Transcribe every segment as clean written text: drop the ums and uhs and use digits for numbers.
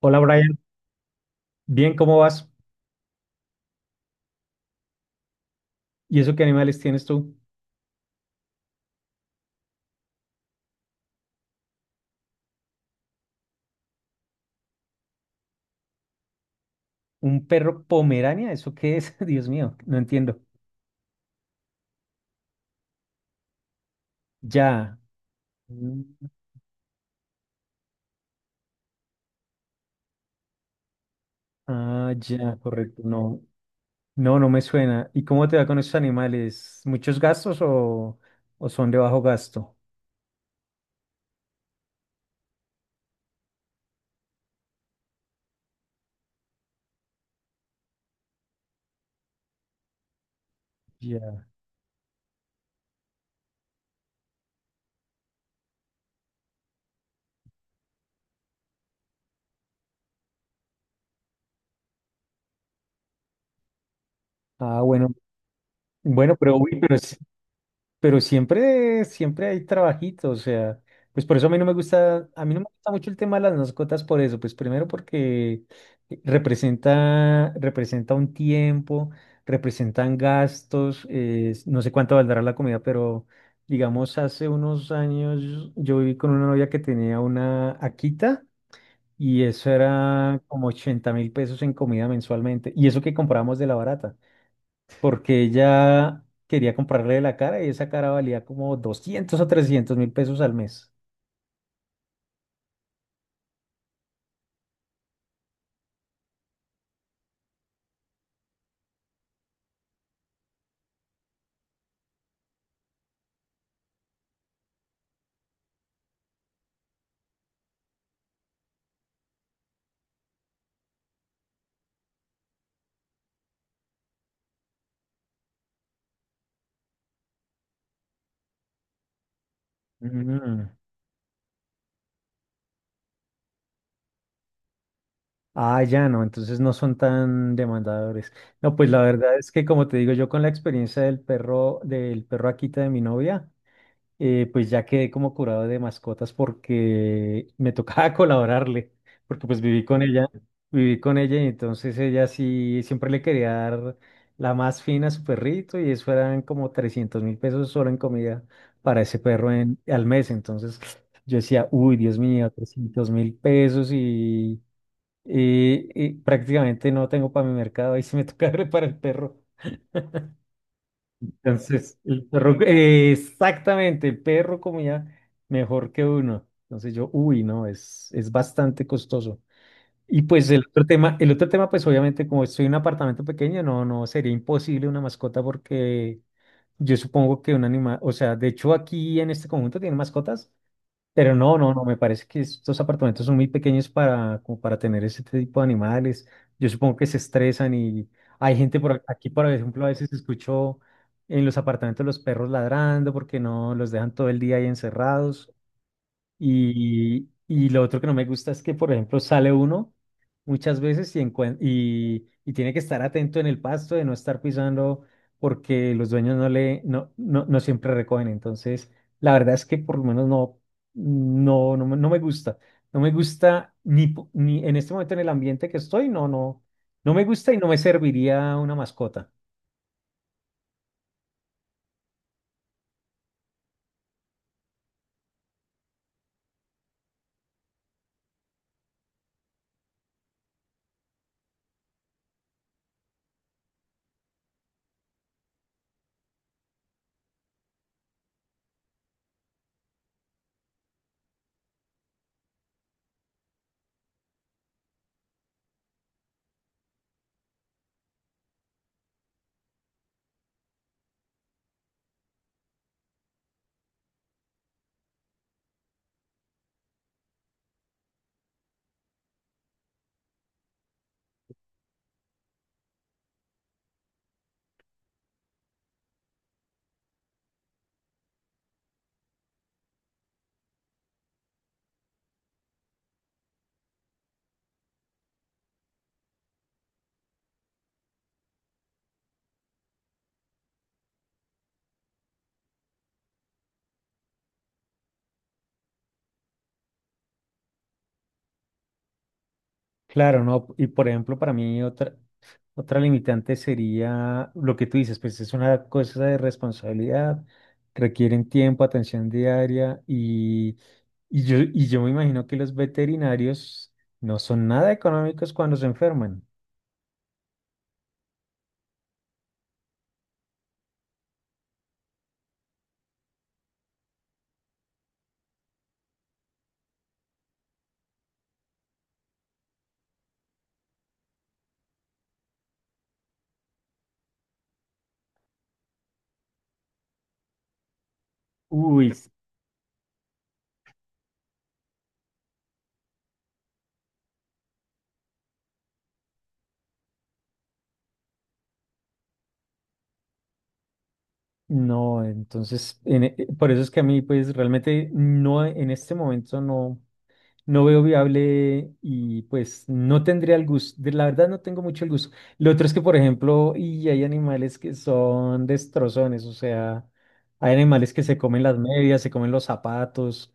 Hola Brian, bien, ¿cómo vas? ¿Y eso qué animales tienes tú? ¿Un perro pomerania? ¿Eso qué es? Dios mío, no entiendo. Ya. Mm. Ah, ya, correcto. No, no, no me suena. ¿Y cómo te va con esos animales? ¿Muchos gastos o son de bajo gasto? Ya. Ah, bueno, bueno, pero uy. Pero siempre, siempre hay trabajito, o sea, pues por eso a mí no me gusta, a mí no me gusta mucho el tema de las mascotas por eso, pues primero porque representa un tiempo, representan gastos, no sé cuánto valdrá la comida, pero digamos hace unos años yo viví con una novia que tenía una Akita y eso era como 80.000 pesos en comida mensualmente, y eso que comprábamos de la barata porque ella quería comprarle la cara y esa cara valía como 200 o 300.000 pesos al mes. Mm. Ah, ya no, entonces no son tan demandadores. No, pues la verdad es que como te digo, yo con la experiencia del perro Akita de mi novia, pues ya quedé como curado de mascotas porque me tocaba colaborarle, porque pues viví con ella y entonces ella sí siempre le quería dar la más fina a su perrito y eso eran como 300.000 pesos solo en comida para ese perro al mes. Entonces yo decía, uy, Dios mío, 300.000 pesos y prácticamente no tengo para mi mercado, ahí sí me toca darle para el perro. Entonces, el perro, exactamente, el perro comía mejor que uno. Entonces yo, uy, no, es bastante costoso. Y pues el otro tema, pues obviamente como estoy en un apartamento pequeño, no, no sería imposible una mascota porque yo supongo que un animal, o sea, de hecho aquí en este conjunto tienen mascotas, pero no, no, no, me parece que estos apartamentos son muy pequeños como para tener ese tipo de animales. Yo supongo que se estresan y hay gente por aquí, por ejemplo, a veces escucho en los apartamentos los perros ladrando porque no los dejan todo el día ahí encerrados. Y lo otro que no me gusta es que, por ejemplo, sale uno muchas veces y tiene que estar atento en el pasto de no estar pisando porque los dueños no le no, no, no siempre recogen. Entonces, la verdad es que por lo menos no me gusta. No me gusta ni en este momento en el ambiente que estoy, no me gusta y no me serviría una mascota. Claro, ¿no? Y por ejemplo, para mí otra limitante sería lo que tú dices, pues es una cosa de responsabilidad, requieren tiempo, atención diaria y yo me imagino que los veterinarios no son nada económicos cuando se enferman. Uy, no, entonces, por eso es que a mí, pues realmente no, en este momento no. No veo viable y pues no tendría el gusto, la verdad no tengo mucho el gusto. Lo otro es que, por ejemplo, y hay animales que son destrozones, o sea, hay animales que se comen las medias, se comen los zapatos,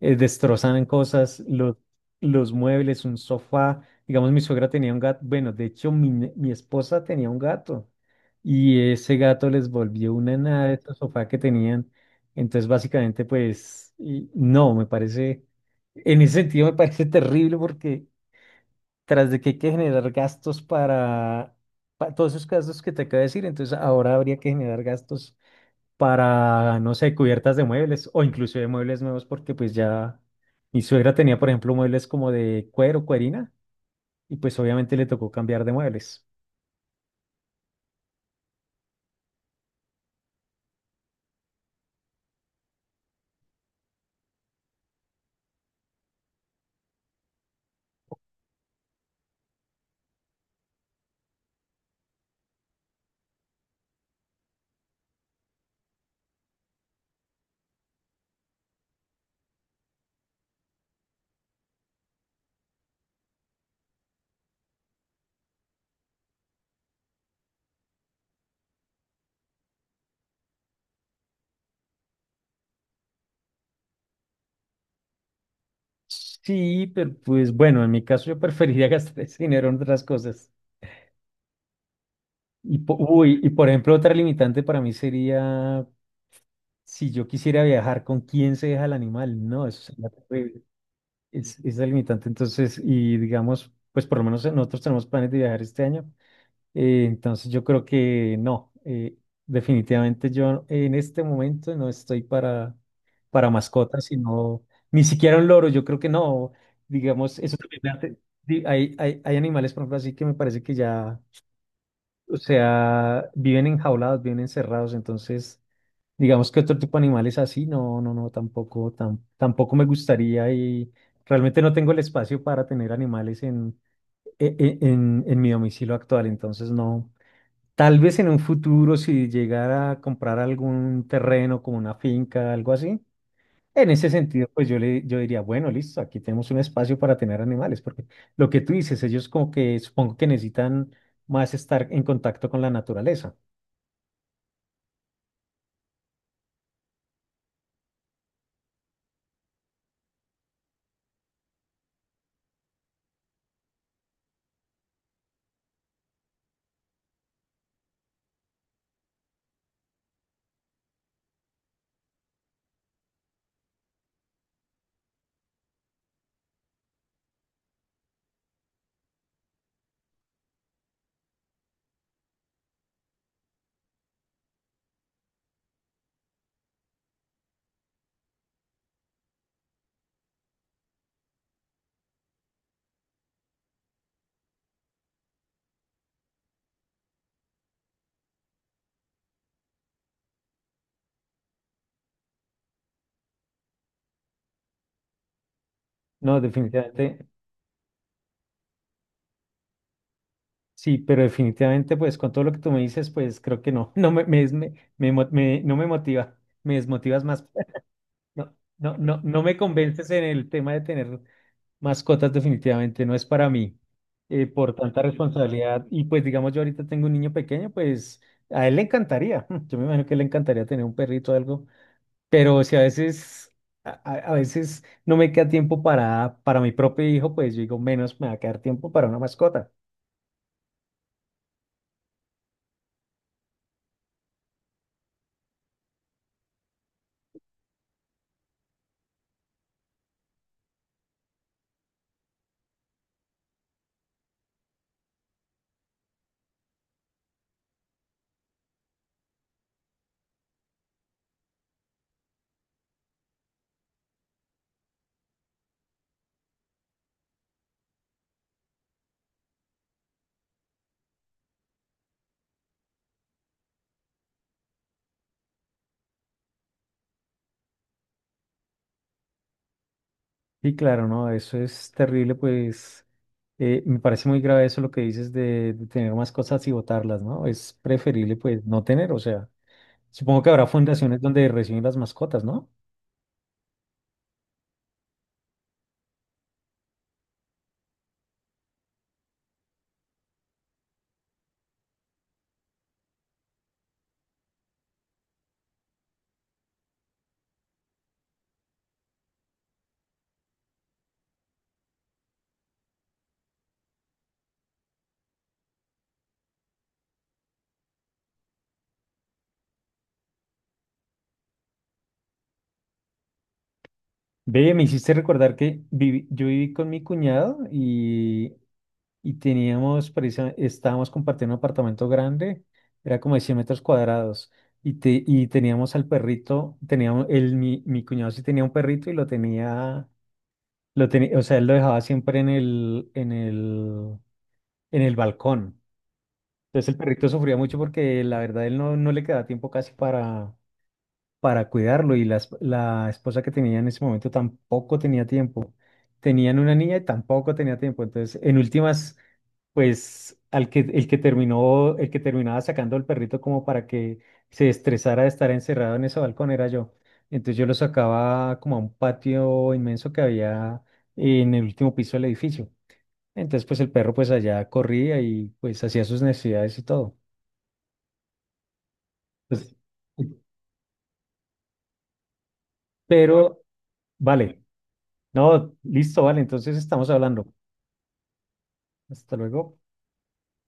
destrozan cosas, los muebles, un sofá. Digamos, mi suegra tenía un gato, bueno, de hecho, mi esposa tenía un gato y ese gato les volvió una nada de estos sofá que tenían. Entonces, básicamente, pues, no, me parece. En ese sentido me parece terrible porque tras de que hay que generar gastos para, todos esos gastos que te acabo de decir, entonces ahora habría que generar gastos para, no sé, cubiertas de muebles o incluso de muebles nuevos porque pues ya mi suegra tenía, por ejemplo, muebles como de cuero, cuerina y pues obviamente le tocó cambiar de muebles. Sí, pero pues bueno, en mi caso yo preferiría gastar ese dinero en otras cosas. Y, uy, y por ejemplo, otra limitante para mí sería si yo quisiera viajar, ¿con quién se deja el animal? No, eso sería terrible. Es la limitante. Entonces, y digamos, pues por lo menos nosotros tenemos planes de viajar este año. Entonces, yo creo que no. Definitivamente yo en este momento no estoy para, mascotas, sino ni siquiera un loro. Yo creo que no. Digamos, eso también me hace- di- hay animales, por ejemplo, así que me parece que ya. O sea, viven enjaulados, viven encerrados, entonces digamos que otro tipo de animales así, tampoco me gustaría y realmente no tengo el espacio para tener animales en, e- e- en mi domicilio actual, entonces no. Tal vez en un futuro si llegara a comprar algún terreno como una finca, algo así, en ese sentido pues yo diría, bueno, listo, aquí tenemos un espacio para tener animales, porque lo que tú dices, ellos como que supongo que necesitan más estar en contacto con la naturaleza. No, definitivamente, sí, pero definitivamente, pues con todo lo que tú me dices, pues creo que no, no me, me, des- me mo- me- no me motiva, me desmotivas más. No, no me convences en el tema de tener mascotas, definitivamente, no es para mí, por tanta responsabilidad. Y pues digamos, yo ahorita tengo un niño pequeño, pues a él le encantaría, yo me imagino que le encantaría tener un perrito o algo, pero si a veces, a veces no me queda tiempo para mi propio hijo, pues yo digo, menos me va a quedar tiempo para una mascota. Sí, claro, no, eso es terrible, pues me parece muy grave eso lo que dices de tener más cosas y botarlas, ¿no? Es preferible pues no tener, o sea, supongo que habrá fundaciones donde reciben las mascotas, ¿no? Ve, me hiciste recordar que yo viví con mi cuñado y estábamos compartiendo un apartamento grande, era como de 100 metros cuadrados, y teníamos al perrito, mi cuñado sí tenía un perrito y lo tenía, o sea, él lo dejaba siempre en el balcón. Entonces el perrito sufría mucho porque la verdad él no le quedaba tiempo casi para cuidarlo y la esposa que tenía en ese momento tampoco tenía tiempo. Tenían una niña y tampoco tenía tiempo. Entonces, en últimas, pues al que, el que terminó, el que terminaba sacando al perrito como para que se estresara de estar encerrado en ese balcón era yo. Entonces yo lo sacaba como a un patio inmenso que había en el último piso del edificio. Entonces, pues el perro pues allá corría y pues hacía sus necesidades y todo. Pues, pero vale. No, listo, vale, entonces estamos hablando. Hasta luego.